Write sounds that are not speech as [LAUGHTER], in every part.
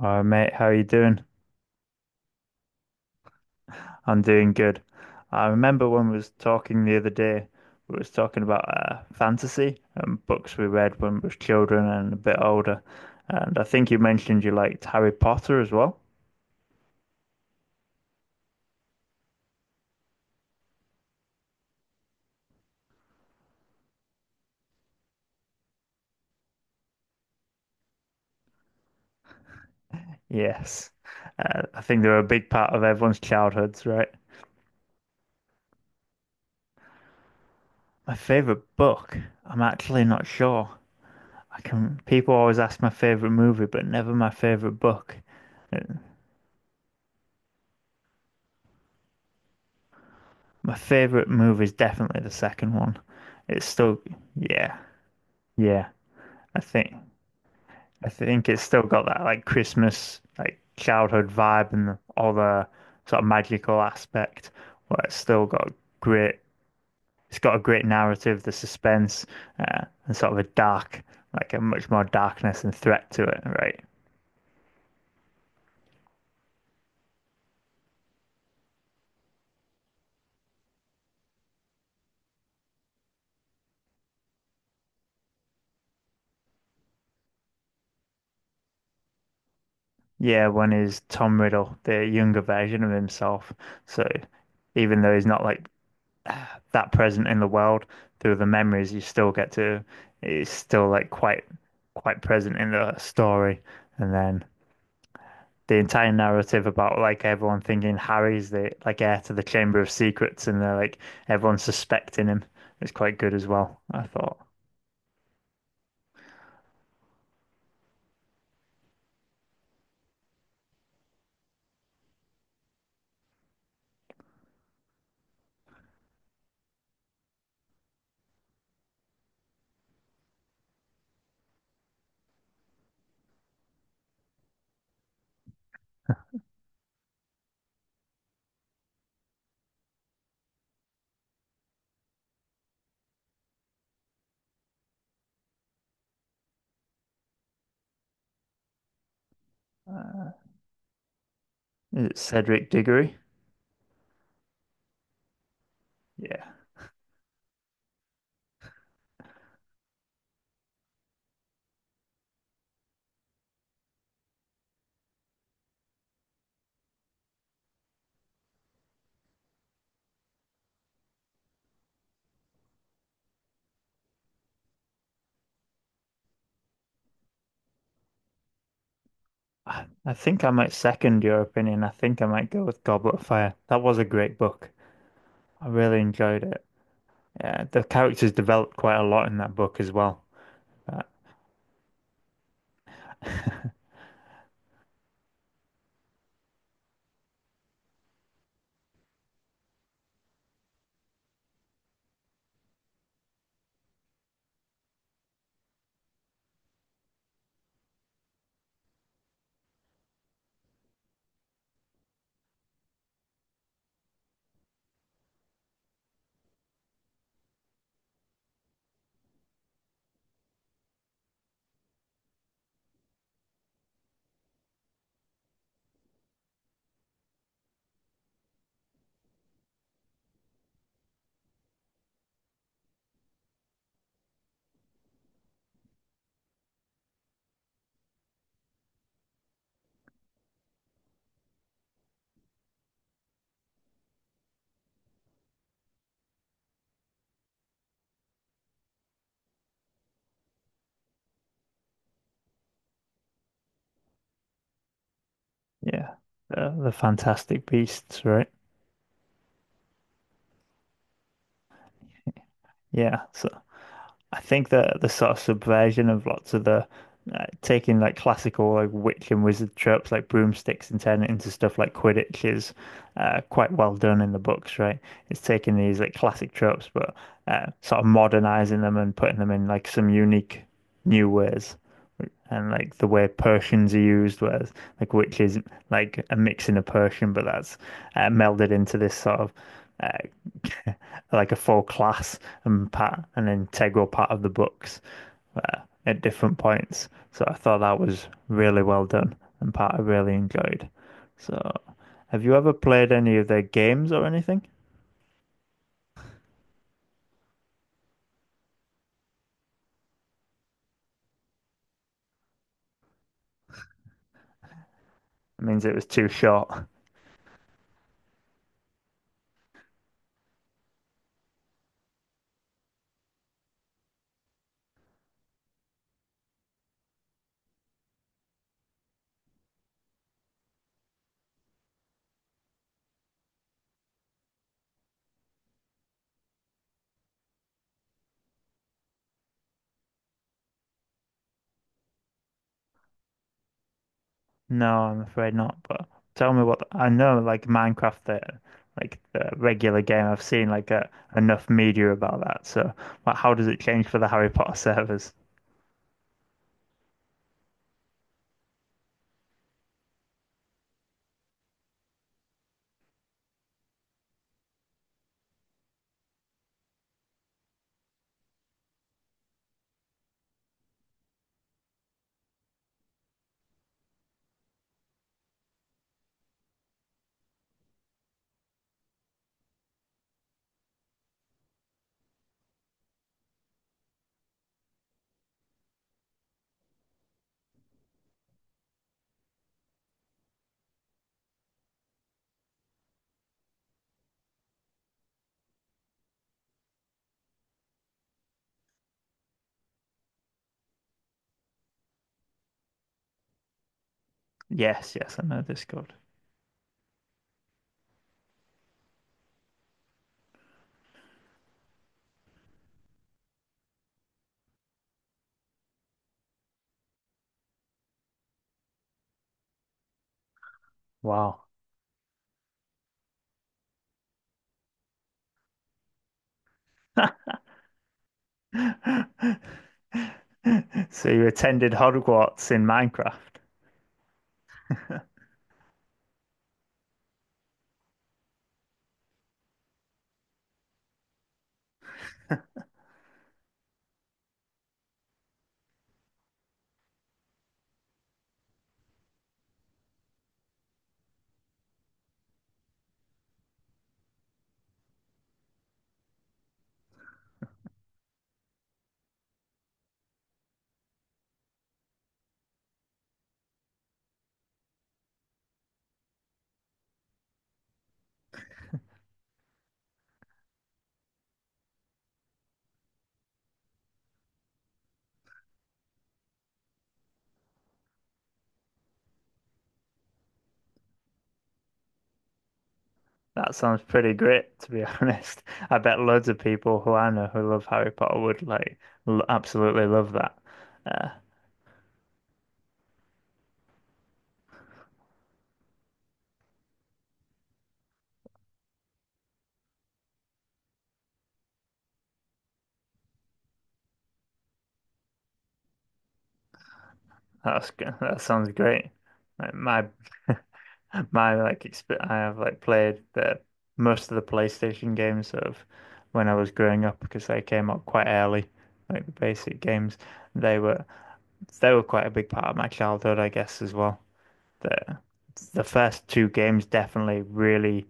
Hi mate, how are you doing? I'm doing good. I remember when we was talking the other day, we was talking about fantasy and books we read when we was children and a bit older. And I think you mentioned you liked Harry Potter as well. Yes, I think they're a big part of everyone's childhoods, right? My favorite book, I'm actually not sure. People always ask my favorite movie, but never my favorite book. Uh, My favorite movie is definitely the second one. It's still, yeah. Yeah, I think I think it's still got that like Christmas like childhood vibe and all the sort of magical aspect. Well, it's still got great. It's got a great narrative, the suspense, and sort of a dark, like a much more darkness and threat to it, right? Yeah, one is Tom Riddle, the younger version of himself. So even though he's not like that present in the world through the memories you still get to it's still like quite present in the story, and then the entire narrative about like everyone thinking Harry's the like heir to the Chamber of Secrets, and they're like everyone suspecting him is quite good as well, I thought. uh, is it Cedric Diggory? Yeah, I think I might second your opinion. I think I might go with Goblet of Fire. That was a great book. I really enjoyed it. Yeah, the characters developed quite a lot in that book as well. Yeah, the Fantastic Beasts, right? Yeah, so I think that the sort of subversion of lots of the taking like classical like witch and wizard tropes like broomsticks and turning it into stuff like Quidditch is quite well done in the books, right? It's taking these like classic tropes, but sort of modernizing them and putting them in like some unique new ways. And like the way potions are used, whereas like witches like a mixing of potion, but that's melded into this sort of uh, [LAUGHS] like a full class and part an integral part of the books uh, at different points. So I thought that was really well done and part I really enjoyed. So have you ever played any of their games or anything? It means it was too short. [LAUGHS] No, I'm afraid not. But tell me what I know, like Minecraft, the like the regular game. I've seen like enough media about that. So, but how does it change for the Harry Potter [LAUGHS] servers? Yes, yes, I know Discord. Wow. [LAUGHS] So you attended Hogwarts in Minecraft. That sounds pretty great, to be [LAUGHS] honest. I bet loads of people who I know who love Harry Potter would like l absolutely love that. Uh, that sounds great. Like my [LAUGHS] my like exp I have like played the most of the PlayStation games of when I was growing up because they came out quite early, like the basic games. They were they were quite a big part of my childhood, I guess, as well. the the first two games definitely really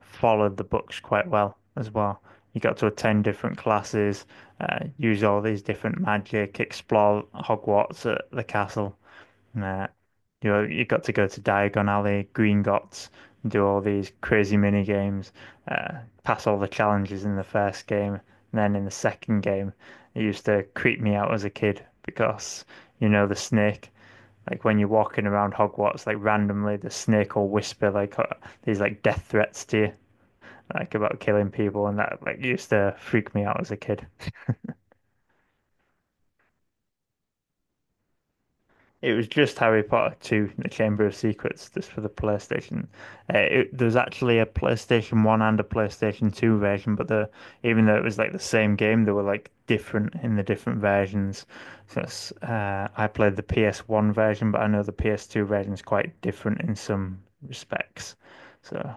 followed the books quite well as well. You got to attend different classes, use all these different magic, explore Hogwarts at the castle. uh, you know, you got to go to Diagon Alley, Gringotts, and do all these crazy mini games, uh, pass all the challenges in the first game, and then in the second game, it used to creep me out as a kid because you know the snake, like when you're walking around Hogwarts, like randomly the snake will whisper like these like death threats to you, like about killing people, and that like used to freak me out as a kid. It was just Harry Potter 2, The Chamber of Secrets, just for the PlayStation. There's actually a PlayStation 1 and a PlayStation 2 version, but the even though it was like the same game, they were like different in the different versions. So it's, I played the PS1 version, but I know the PS2 version is quite different in some respects. So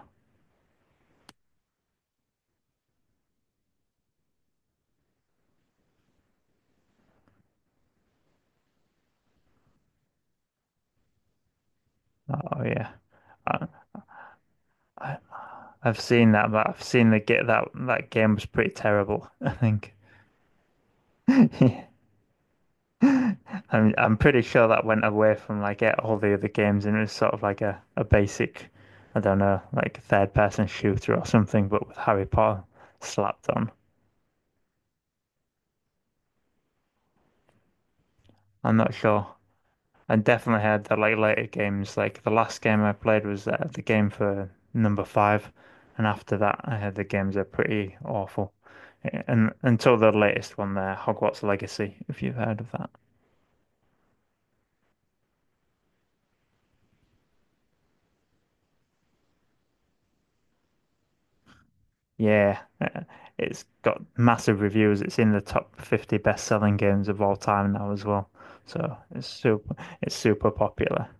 oh yeah, I, I I've seen that, but I've seen the get that that game was pretty terrible, I think. [LAUGHS] Yeah. I'm pretty sure that went away from like all the other games, and it was sort of like a basic, I don't know, like third person shooter or something, but with Harry Potter slapped on. I'm not sure. And definitely had the like later games. Like the last game I played was the game for number five, and after that, I had the games are pretty awful. And until the latest one there, Hogwarts Legacy, if you've heard of that. Yeah, it's got massive reviews. It's in the top 50 best-selling games of all time now as well. So it's super, it's super popular.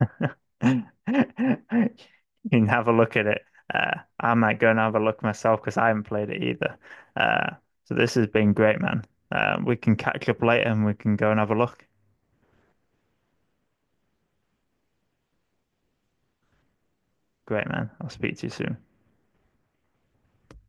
[LAUGHS] You can have a look at it. I might go and have a look myself because I haven't played it either. Uh, so this has been great, man. We can catch up later and we can go and have a look. Great, man. I'll speak to you soon.